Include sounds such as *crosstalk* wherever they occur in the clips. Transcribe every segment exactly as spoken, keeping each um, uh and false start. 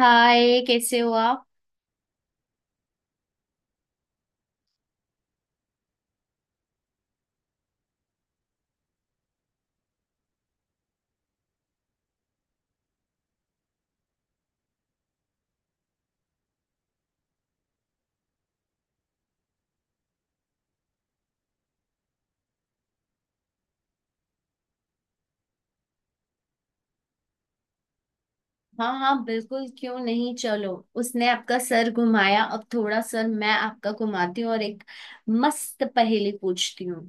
हाय, कैसे हो आप? हाँ हाँ, बिल्कुल, क्यों नहीं, चलो। उसने आपका सर घुमाया, अब थोड़ा सर मैं आपका घुमाती हूँ और एक मस्त पहेली पूछती हूँ।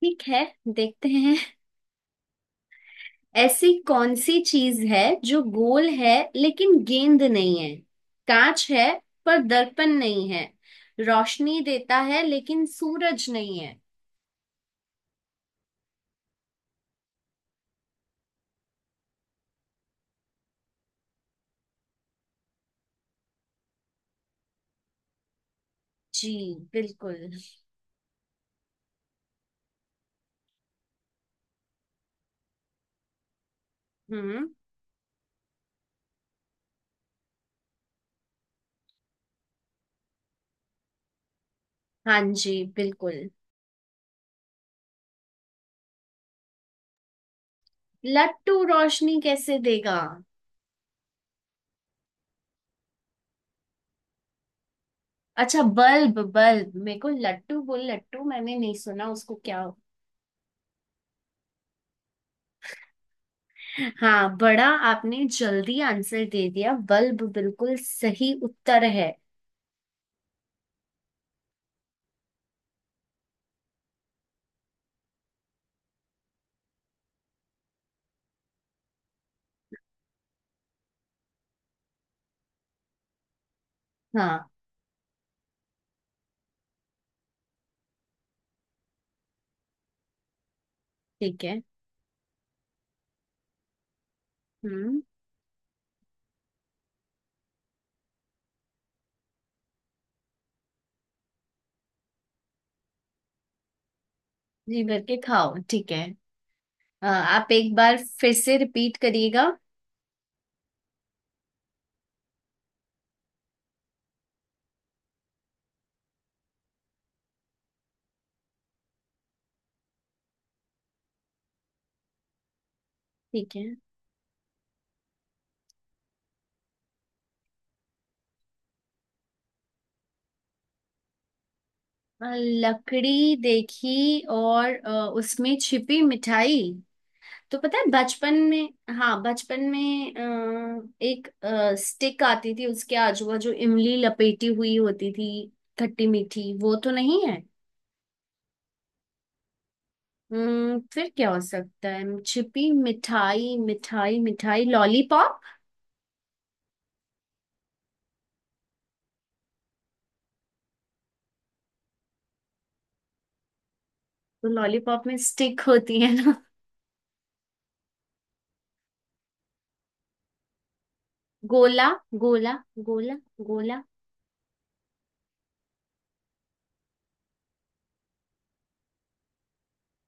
ठीक है, देखते हैं। ऐसी कौन सी चीज है जो गोल है लेकिन गेंद नहीं है, कांच है पर दर्पण नहीं है, रोशनी देता है लेकिन सूरज नहीं है? जी, बिल्कुल। हम्म। हाँ जी, बिल्कुल। लट्टू रोशनी कैसे देगा? अच्छा, बल्ब। बल्ब मेरे को लट्टू बोल, लट्टू मैंने नहीं सुना उसको, क्या हो। हाँ, बड़ा। आपने जल्दी आंसर दे दिया, बल्ब बिल्कुल सही उत्तर है। हाँ। ठीक है। हम्म। जी भर के खाओ, ठीक है। अ, आप एक बार फिर से रिपीट करिएगा। ठीक है। अ, लकड़ी देखी और अ, उसमें छिपी मिठाई, तो पता है बचपन में। हाँ, बचपन में अ, एक स्टिक आती थी, उसके आजू बाजू इमली लपेटी हुई होती थी, खट्टी मीठी, वो तो नहीं है। हम्म, फिर क्या हो सकता है? छिपी मिठाई, मिठाई, मिठाई, लॉलीपॉप? तो लॉलीपॉप में स्टिक होती है ना। गोला, गोला, गोला, गोला।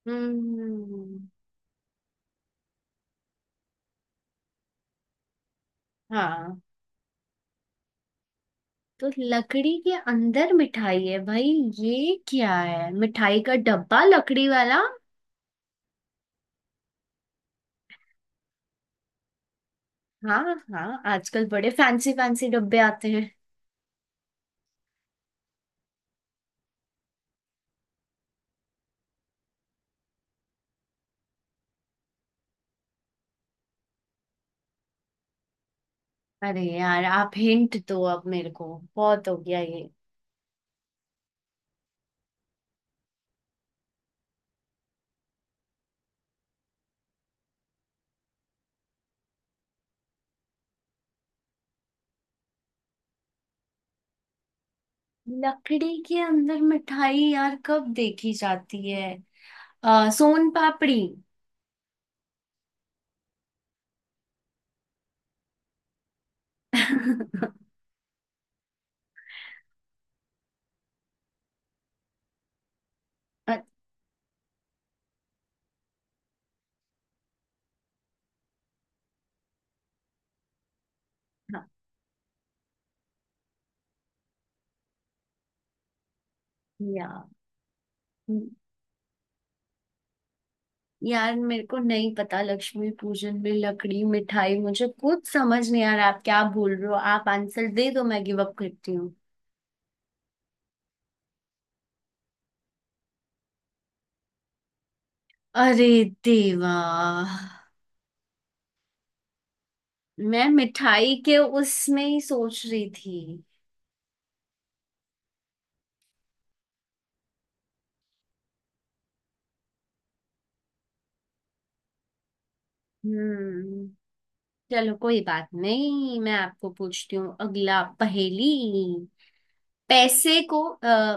हम्म, हाँ। तो लकड़ी के अंदर मिठाई है भाई? ये क्या है, मिठाई का डब्बा लकड़ी वाला? हाँ हाँ, आजकल बड़े फैंसी फैंसी डब्बे आते हैं। अरे यार, आप हिंट दो अब मेरे को, बहुत हो गया ये। लकड़ी के अंदर मिठाई यार कब देखी जाती है? आ, सोन पापड़ी। *laughs* अच्छा। यार यार, मेरे को नहीं पता, लक्ष्मी पूजन में लकड़ी मिठाई, मुझे कुछ समझ नहीं आ रहा, आप क्या बोल रहे हो? आप आंसर दे दो, मैं गिव अप करती हूँ। अरे देवा, मैं मिठाई के उसमें ही सोच रही थी। हम्म, चलो कोई बात नहीं, मैं आपको पूछती हूँ अगला पहेली। पैसे को अ,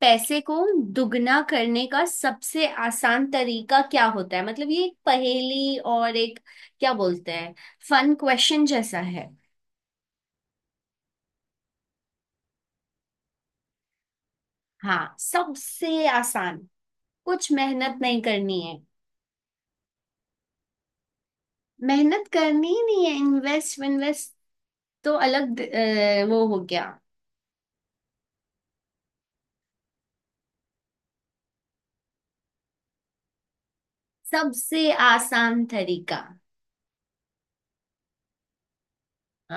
पैसे को दुगना करने का सबसे आसान तरीका क्या होता है? मतलब ये एक पहेली और एक, क्या बोलते हैं, फन क्वेश्चन जैसा है। हाँ, सबसे आसान, कुछ मेहनत नहीं करनी है। मेहनत करनी ही नहीं है, इन्वेस्ट इन्वेस्ट तो अलग, अ, वो हो गया। सबसे आसान तरीका, अ,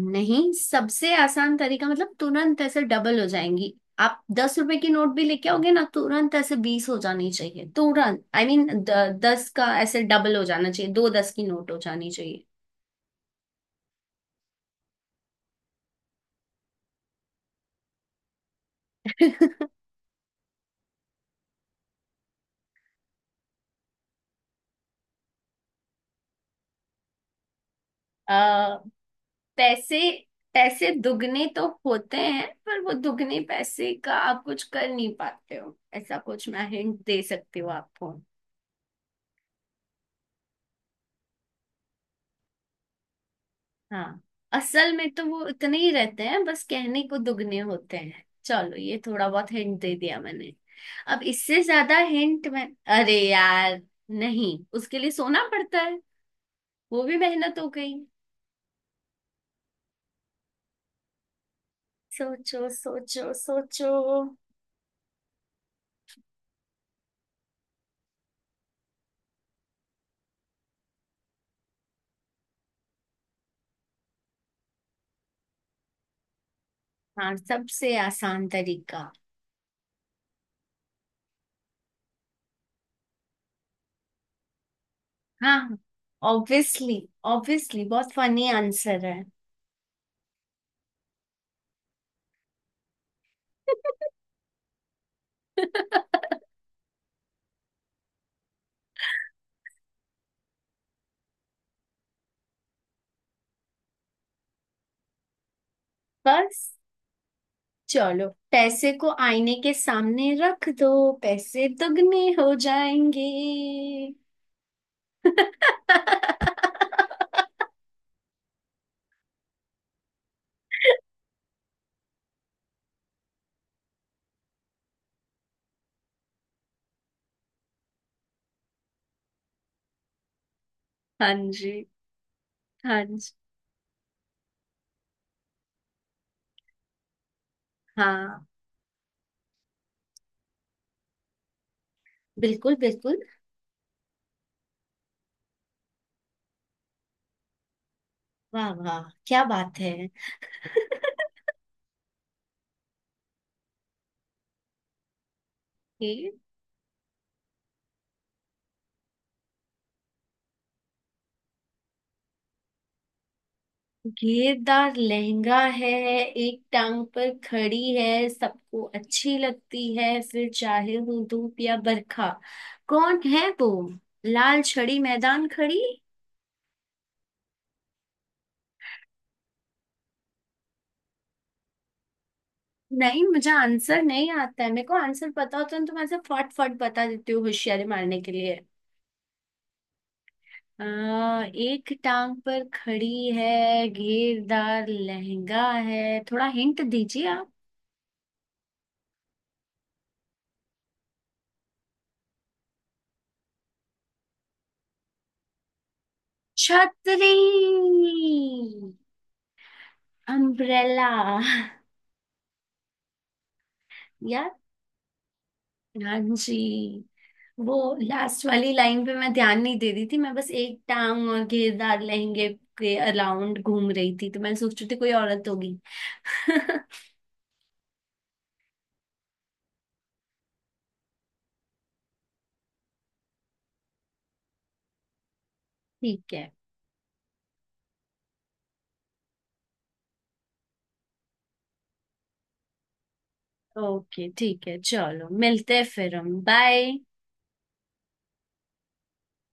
नहीं सबसे आसान तरीका मतलब तुरंत ऐसे डबल हो जाएंगी। आप दस रुपए की नोट भी लेके आओगे ना, तुरंत ऐसे बीस हो जानी चाहिए, तुरंत आई I मीन mean, दस का ऐसे डबल हो जाना चाहिए, दो दस की नोट हो जानी चाहिए। *laughs* अ, पैसे पैसे दुगने तो होते हैं, पर वो दुगने पैसे का आप कुछ कर नहीं पाते हो, ऐसा कुछ मैं हिंट दे सकती हूँ आपको। हाँ, असल में तो वो इतने ही रहते हैं, बस कहने को दुगने होते हैं। चलो, ये थोड़ा बहुत हिंट दे दिया मैंने, अब इससे ज्यादा हिंट मैं। अरे यार, नहीं, उसके लिए सोना पड़ता है, वो भी मेहनत हो गई। सोचो, सोचो, सोचो। हाँ, सबसे आसान तरीका। हाँ, ऑब्वियसली। ऑब्वियसली बहुत फनी आंसर है। *laughs* बस, चलो, पैसे को आईने के सामने रख दो, पैसे दुगने हो जाएंगे। *laughs* हाँ जी। हाँ जी, हाँ, बिल्कुल, बिल्कुल। वाह वाह, क्या बात है! ये घेरदार लहंगा है, एक टांग पर खड़ी है, सबको अच्छी लगती है, फिर चाहे हो धूप या बरखा। कौन है वो? लाल छड़ी मैदान खड़ी। नहीं, मुझे आंसर नहीं आता है, मेरे को आंसर पता होता है तो मैं ऐसे फट फट बता देती हूँ होशियारी मारने के लिए। आ, एक टांग पर खड़ी है, घेरदार लहंगा है, थोड़ा हिंट दीजिए आप। छतरी। अम्ब्रेला। यार। हाँ जी, वो लास्ट वाली लाइन पे मैं ध्यान नहीं दे रही थी, मैं बस एक टांग और घेरदार लहंगे के अराउंड घूम रही थी तो मैं सोच रही थी कोई औरत होगी। *laughs* ठीक है, ओके, ठीक है, चलो, मिलते हैं फिर हम, बाय।